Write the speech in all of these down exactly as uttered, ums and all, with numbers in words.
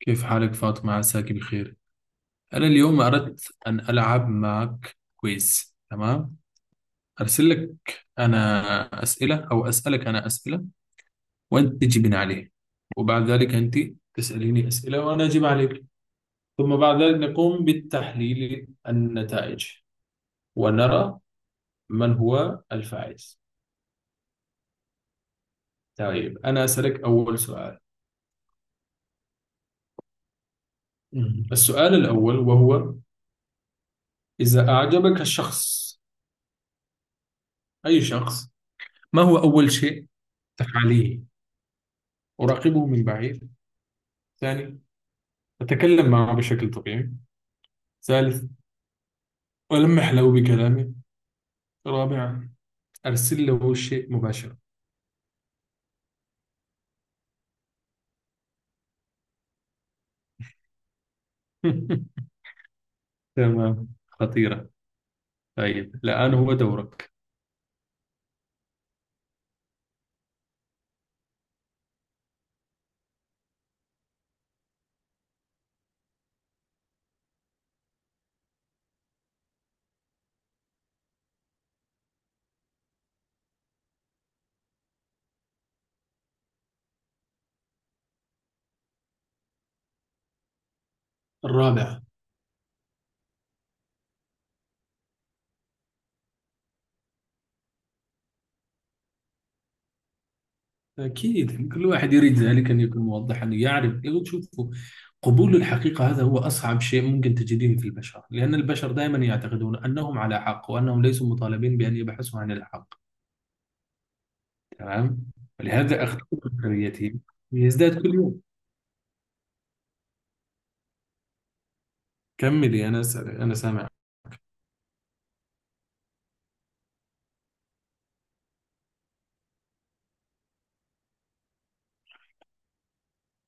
كيف حالك فاطمة؟ عساك بخير. أنا اليوم أردت أن ألعب معك كويز، تمام؟ أرسل لك أنا أسئلة أو أسألك أنا أسئلة، وأنت تجيبين عليه، وبعد ذلك أنت تسأليني أسئلة وأنا أجيب عليك، ثم بعد ذلك نقوم بالتحليل النتائج ونرى من هو الفائز. طيب أنا أسألك أول سؤال. مم. السؤال الأول وهو: إذا أعجبك الشخص، أي شخص، ما هو أول شيء تفعليه؟ أراقبه من بعيد، ثاني أتكلم معه بشكل طبيعي، ثالث ألمح له بكلامي، رابعا أرسل له الشيء مباشرة. تمام، خطيرة. طيب الآن هو دورك. الرابع؟ أكيد كل واحد يريد ذلك، أن يكون موضحا، أن يعرف، يقول شوفوا. قبول الحقيقة هذا هو أصعب شيء ممكن تجدين في البشر، لأن البشر دائما يعتقدون أنهم على حق وأنهم ليسوا مطالبين بأن يبحثوا عن الحق، تمام؟ فلهذا أخلاق بشريتهم يزداد كل يوم. كملي، أنا س- أنا سامع.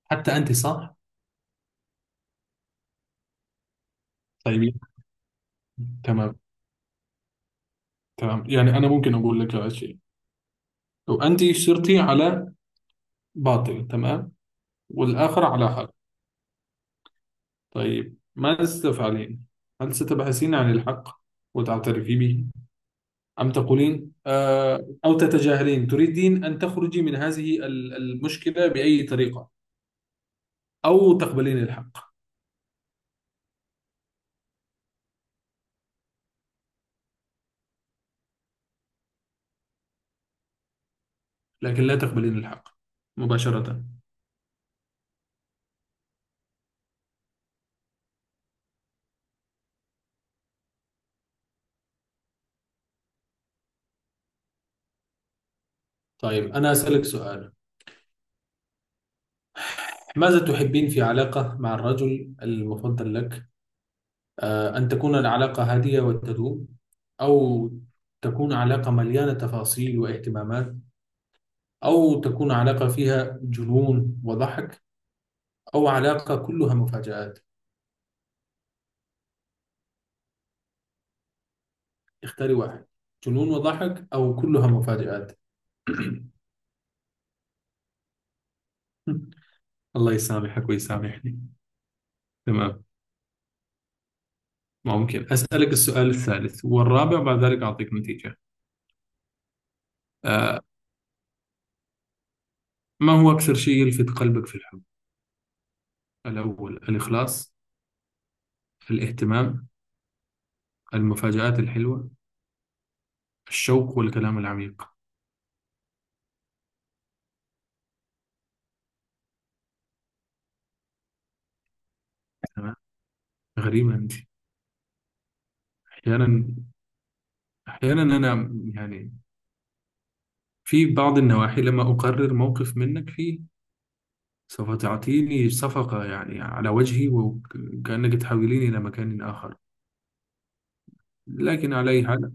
حتى أنت صح؟ طيب. تمام، تمام، يعني أنا ممكن أقول لك على شيء: لو أنت صرتي على باطل، تمام، والآخر على حق، طيب ماذا ستفعلين؟ هل ستبحثين عن الحق وتعترفي به، أم تقولين آه، أو تتجاهلين، تريدين أن تخرجي من هذه ال- المشكلة بأي طريقة، أو تقبلين الحق؟ لكن لا تقبلين الحق مباشرة. طيب أنا أسألك سؤال: ماذا تحبين في علاقة مع الرجل المفضل لك؟ آه، أن تكون العلاقة هادئة وتدوم، أو تكون علاقة مليانة تفاصيل واهتمامات، أو تكون علاقة فيها جنون وضحك، أو علاقة كلها مفاجآت. اختاري واحد، جنون وضحك أو كلها مفاجآت. الله يسامحك ويسامحني. تمام، ممكن أسألك السؤال الثالث والرابع بعد ذلك أعطيك نتيجة. آه، ما هو أكثر شيء يلفت قلبك في الحب؟ الأول الإخلاص، الاهتمام، المفاجآت الحلوة، الشوق والكلام العميق. تمام، غريبة أنت. أحيانا، أحيانا أنا يعني في بعض النواحي لما أقرر موقف منك فيه، سوف تعطيني صفقة يعني على وجهي، وكأنك تحوليني إلى مكان آخر. لكن على أي حال،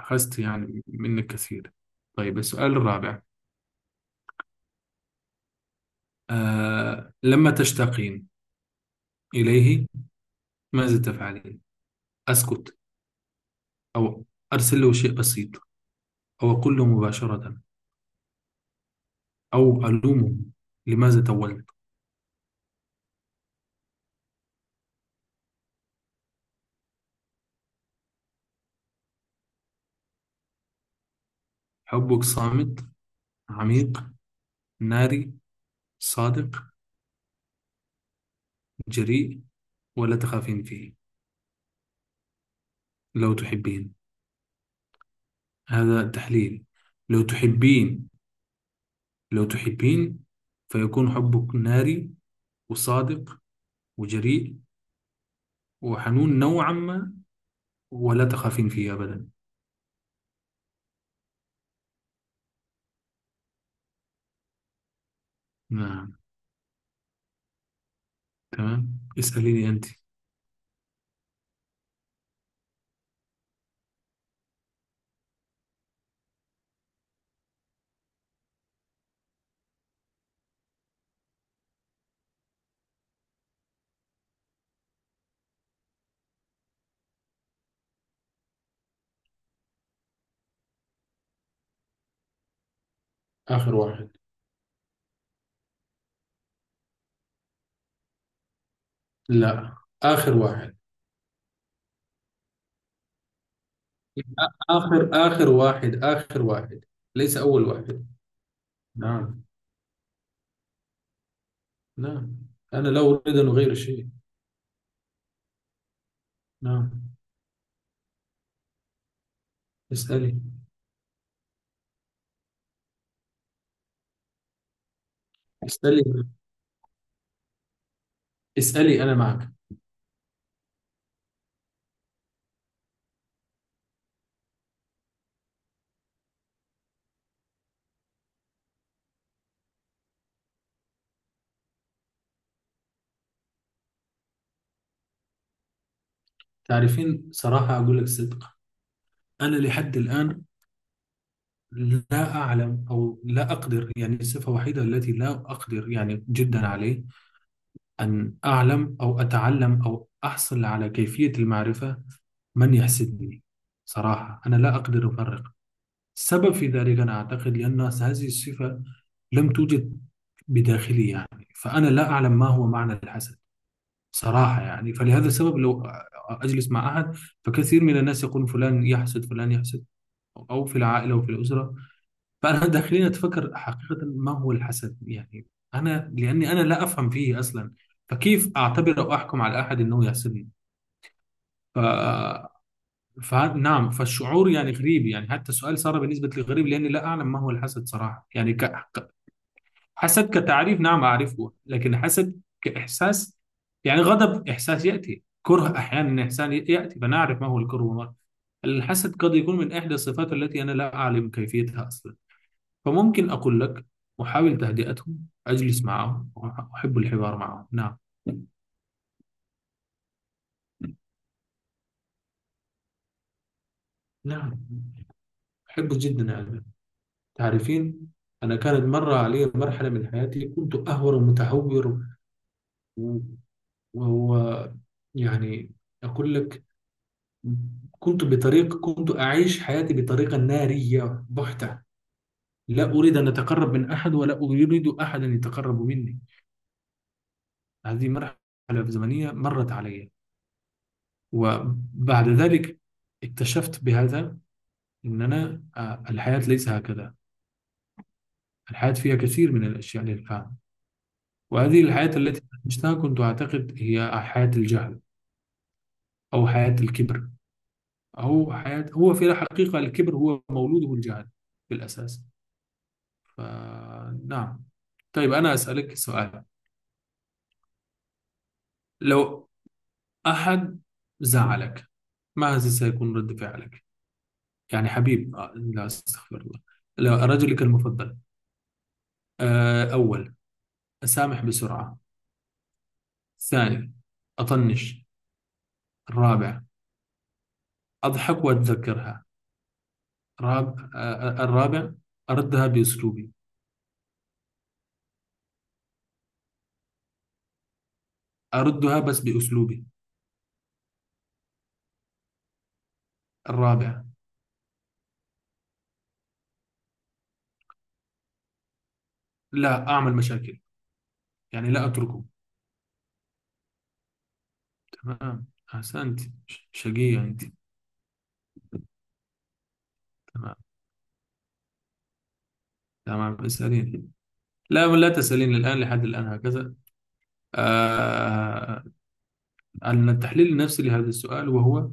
أخذت يعني منك كثير. طيب السؤال الرابع: آه، لما تشتاقين إليه ماذا تفعلين؟ أسكت، أو أرسل له شيء بسيط، أو أقول له مباشرة، أو ألومه لماذا تولت. حبك صامت، عميق، ناري، صادق، جريء، ولا تخافين فيه. لو تحبين، هذا تحليل، لو تحبين، لو تحبين، فيكون حبك ناري، وصادق، وجريء، وحنون نوعا ما، ولا تخافين فيه أبدا. نعم. تمام، اسأليني أنت. آخر واحد. لا، آخر واحد. آخر آخر واحد، آخر واحد، ليس أول واحد. نعم. نعم، أنا لا أريد أن أغير شيء. نعم. اسألي، اسألي، اسألي، أنا معك. تعرفين، صراحة أقول لك صدق، أنا لحد الآن لا أعلم أو لا أقدر، يعني الصفة الوحيدة التي لا أقدر يعني جدا عليه، أن أعلم أو أتعلم أو أحصل على كيفية المعرفة من يحسدني. صراحة أنا لا أقدر أفرق. السبب في ذلك أنا أعتقد لأن هذه الصفة لم توجد بداخلي، يعني فأنا لا أعلم ما هو معنى الحسد صراحة، يعني فلهذا السبب لو أجلس مع أحد، فكثير من الناس يقولون فلان يحسد، فلان يحسد، أو في العائلة وفي الأسرة، فأنا داخلين أتفكر حقيقة ما هو الحسد، يعني أنا لأني أنا لا أفهم فيه أصلا، فكيف أعتبر أو أحكم على أحد أنه يحسدني؟ ف... فنعم، فالشعور يعني غريب، يعني حتى السؤال صار بالنسبة لي غريب، لأني لا أعلم ما هو الحسد صراحة، يعني ك... حسد كتعريف نعم أعرفه، لكن حسد كإحساس، يعني غضب إحساس يأتي، كره أحيانا، إحسان يأتي، فنعرف ما هو الكره والمرض. الحسد قد يكون من إحدى الصفات التي أنا لا أعلم كيفيتها أصلا. فممكن أقول لك أحاول تهدئتهم، أجلس معهم، أحب الحوار معهم. نعم، نعم، أحبه جدا يعني. تعرفين، أنا كانت مرة علي مرحلة من حياتي كنت أهور ومتهور، و... و... و- يعني أقول لك، كنت بطريق كنت أعيش حياتي بطريقة نارية بحتة، لا أريد أن أتقرب من أحد ولا أريد أحد أن يتقرب مني. هذه مرحلة زمنية مرت علي، وبعد ذلك اكتشفت بهذا أن أنا آه، الحياة ليس هكذا، الحياة فيها كثير من الأشياء للفهم. وهذه الحياة التي عشتها كنت أعتقد هي حياة الجهل، أو حياة الكبر، أو حياة، هو في الحقيقة الكبر هو مولوده الجهل في الأساس. فنعم. طيب أنا أسألك سؤال: لو أحد زعلك ما سيكون رد فعلك؟ يعني حبيب، آه، لا استغفر الله، لا، رجلك المفضل. آه، أول أسامح بسرعة، ثاني أطنش، الرابع أضحك وأتذكرها، راب آه، الرابع أردها بأسلوبي. أردها بس بأسلوبي. الرابع لا أعمل مشاكل، يعني لا أتركه. تمام، أحسنت. ش- شقية أنت. تمام، تمام، اسألين. لا، لا تسألين الآن، لحد الآن هكذا. آه أن التحليل النفسي لهذا السؤال، وهو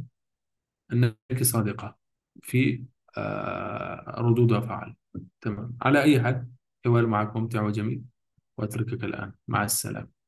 أنك صادقة في آه ردود أفعال. تمام، على أي حال، حوار معك ممتع وجميل، وأتركك الآن مع السلامة.